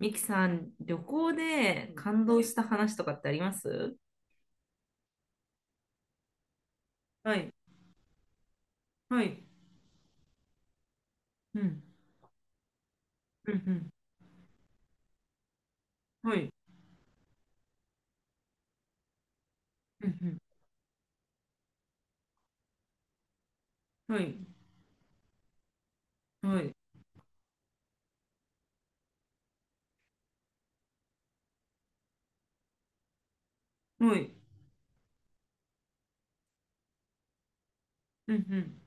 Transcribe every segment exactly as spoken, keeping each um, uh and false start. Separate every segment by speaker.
Speaker 1: ミキさん、旅行でうん感動した話とかってあります？はい。はい。うん。うん。うん。はい。うん。うん。はい。はい。はい。うん。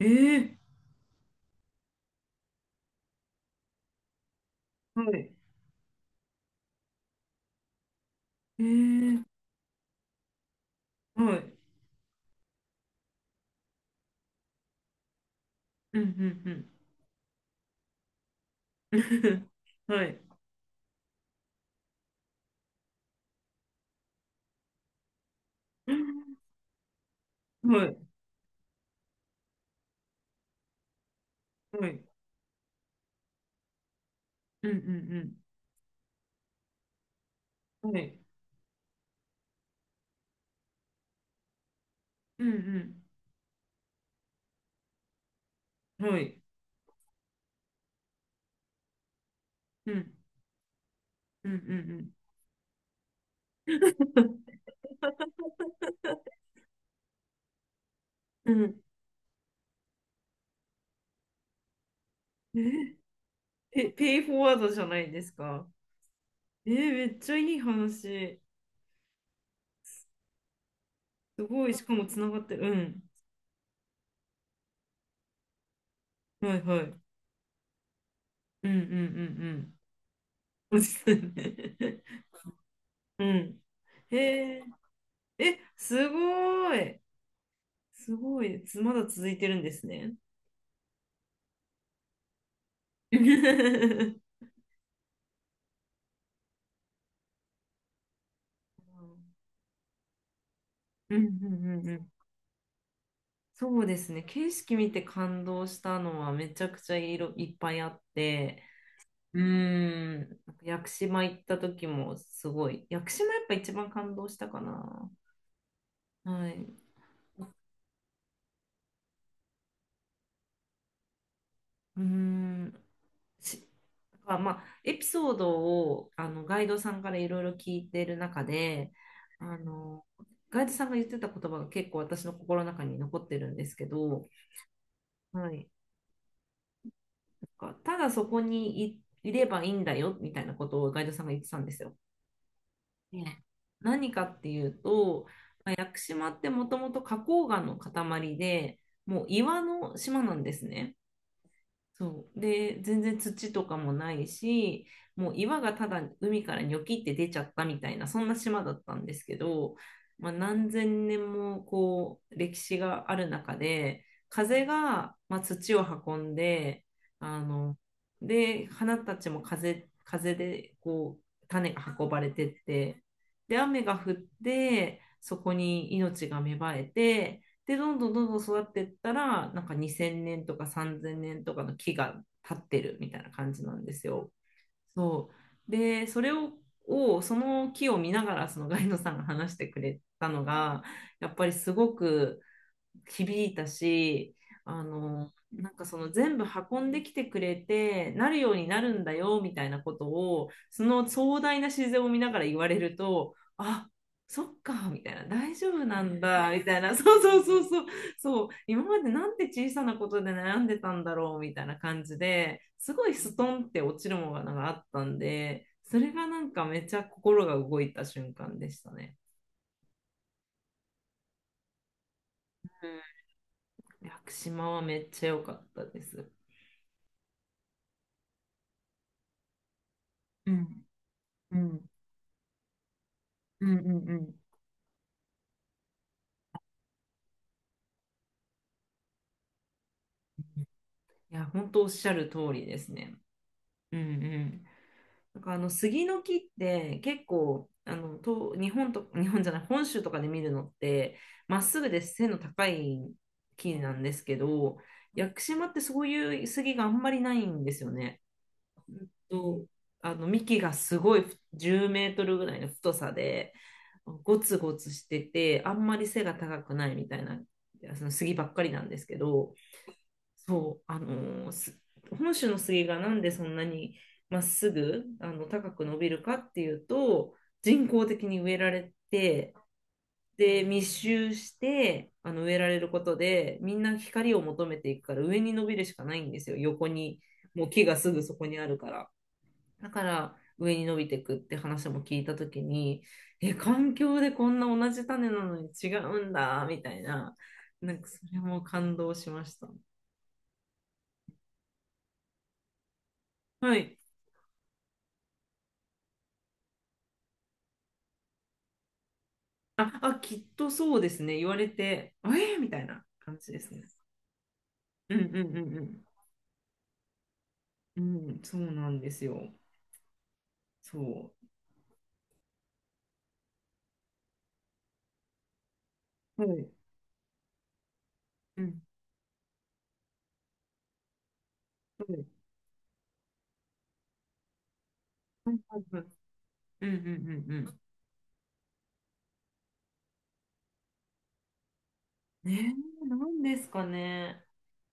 Speaker 1: うん。えー。はい。えー。はい。うん。うん。うん。はい。はい。はい。うん。うん。うん。はい。うん。うん。はい。うん。うん。うん。うん。うん。えー、ペ、ペイフォワードじゃないですか。えー、めっちゃいい話。すごい、しかもつながってる。うん。はいはい。うんうんうんうん。そうですね。うん。へえ、え、すごい。すごい。つまだ続いてるんですね。うんうんうんうん。そうですね。景色見て感動したのはめちゃくちゃいろいっぱいあって、うーん、なんか屋久島行った時もすごい。屋久島やっぱ一番感動したかな。はい。うーん。しだからまあ、エピソードをあのガイドさんからいろいろ聞いてる中で、あの、ガイドさんが言ってた言葉が結構私の心の中に残ってるんですけど、はい、なんかただそこにい、いればいいんだよみたいなことをガイドさんが言ってたんですよ。ね何かっていうと、まあ屋久島ってもともと花崗岩の塊で、もう岩の島なんですね。そう。で、全然土とかもないし、もう岩がただ海からニョキって出ちゃったみたいな、そんな島だったんですけど、まあ、何千年もこう歴史がある中で、風が、まあ、土を運んで、あの、で、花たちも風、風でこう種が運ばれてって、で、雨が降って、そこに命が芽生えて、で、どんどんどんどん育っていったら、なんかにせんねんとかさんぜんねんとかの木が立ってるみたいな感じなんですよ。そう。で、それを、をその木を見ながら、そのガイドさんが話してくれたのが、やっぱりすごく、響いたし、あの、なんかその全部運んできてくれて、なるようになるんだよ、みたいなことを、その壮大な自然を見ながら言われると、あ、そっか、みたいな、大丈夫なんだ、みたいな、そうそうそうそう、そう、今までなんて小さなことで悩んでたんだろう、みたいな感じで、すごいストンって落ちるものがあったんで、それがなんかめっちゃ心が動いた瞬間でしたね。屋久島はめっちゃ良かったです。うんうん、うんうんうん。いや、本当おっしゃる通りですね。うんうん。なんかあの杉の木って結構あのと日本と日本じゃない本州とかで見るのってまっすぐで背の高い木なんですけど、屋久島ってそういう杉があんまりないんですよね。うんと、あの幹がすごいじゅうメートルぐらいの太さでゴツゴツしててあんまり背が高くないみたいな、その杉ばっかりなんですけど。そう、あのーす本州の杉がなんでそんなにまっすぐあの高く伸びるかっていうと人工的に植えられて、で密集してあの植えられることでみんな光を求めていくから上に伸びるしかないんですよ。横にもう木がすぐそこにあるからだから上に伸びていくって話も聞いた時に、え、環境でこんな同じ種なのに違うんだみたいな、なんかそれも感動しました。はい。あ、あ、きっとそうですね。言われて、あえーみたいな感じですね。うんうんうんうん。うん、そうなんですよ。そう。はい。うん。はい。はいはいはい、うんうんうんうん。ね、え、なんですかね。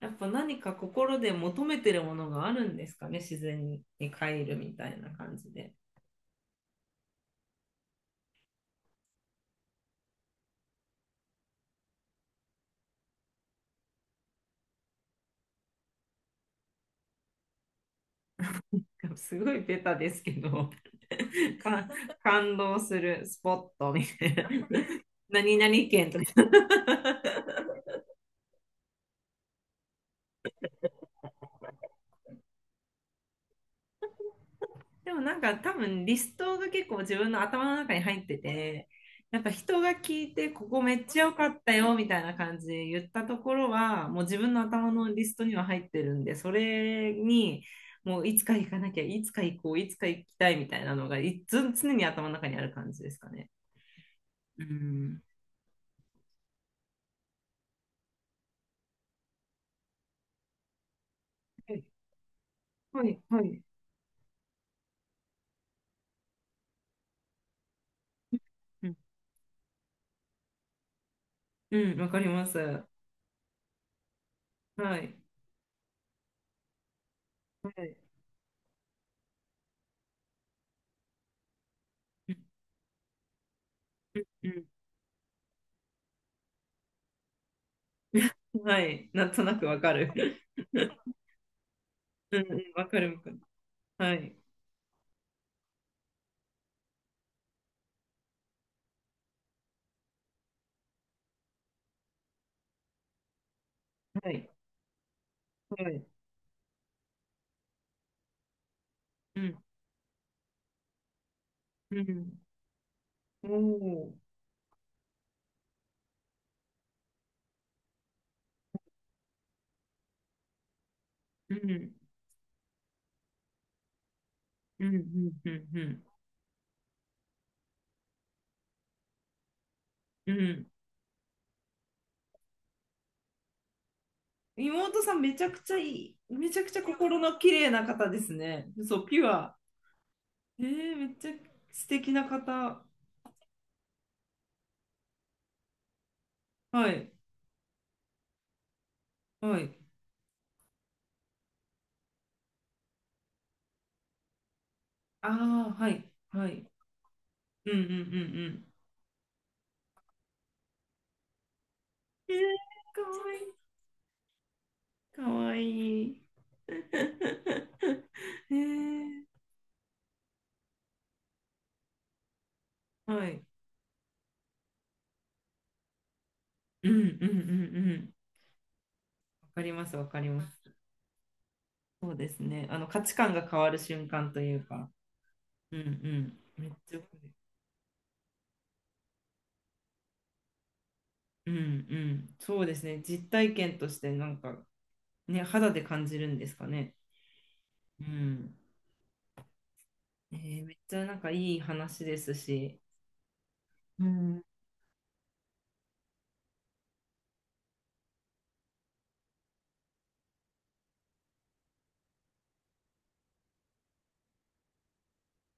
Speaker 1: やっぱ何か心で求めてるものがあるんですかね。自然に帰るみたいな感じで。すごいベタですけど、か、感動するスポットみたいな。何々県とか。でもなんか多分リストが結構自分の頭の中に入ってて、やっぱ人が聞いてここめっちゃ良かったよみたいな感じで言ったところはもう自分の頭のリストには入ってるんで、それにもういつか行かなきゃ、いつか行こう、いつか行きたいみたいなのがいつ常に頭の中にある感じですかね。うん。はいはいはい、うんうん、わかります。はい。はい。うんうん、はい。なんとなくわかる。うんうん、わかるわかる。はい。はい。はい。うん、うん、おー、うん、うん、うん、うん、うん。うん。妹さんめちゃくちゃいい、めちゃくちゃ心の綺麗な方ですね。そう、ピュア。えー、めっちゃ素敵な方。はい、はい。ああ、はい、はい。うんうんうんうん。えー、かわいい、かわいい。えー、はい。うんうんうんうん。わかります、わかります。そうですね。あの価値観が変わる瞬間というか。うんうん。めっちゃわかる。うんうん。そうですね。実体験としてなんか、ね、肌で感じるんですかね。うん。えーめっちゃなんかいい話ですし、うん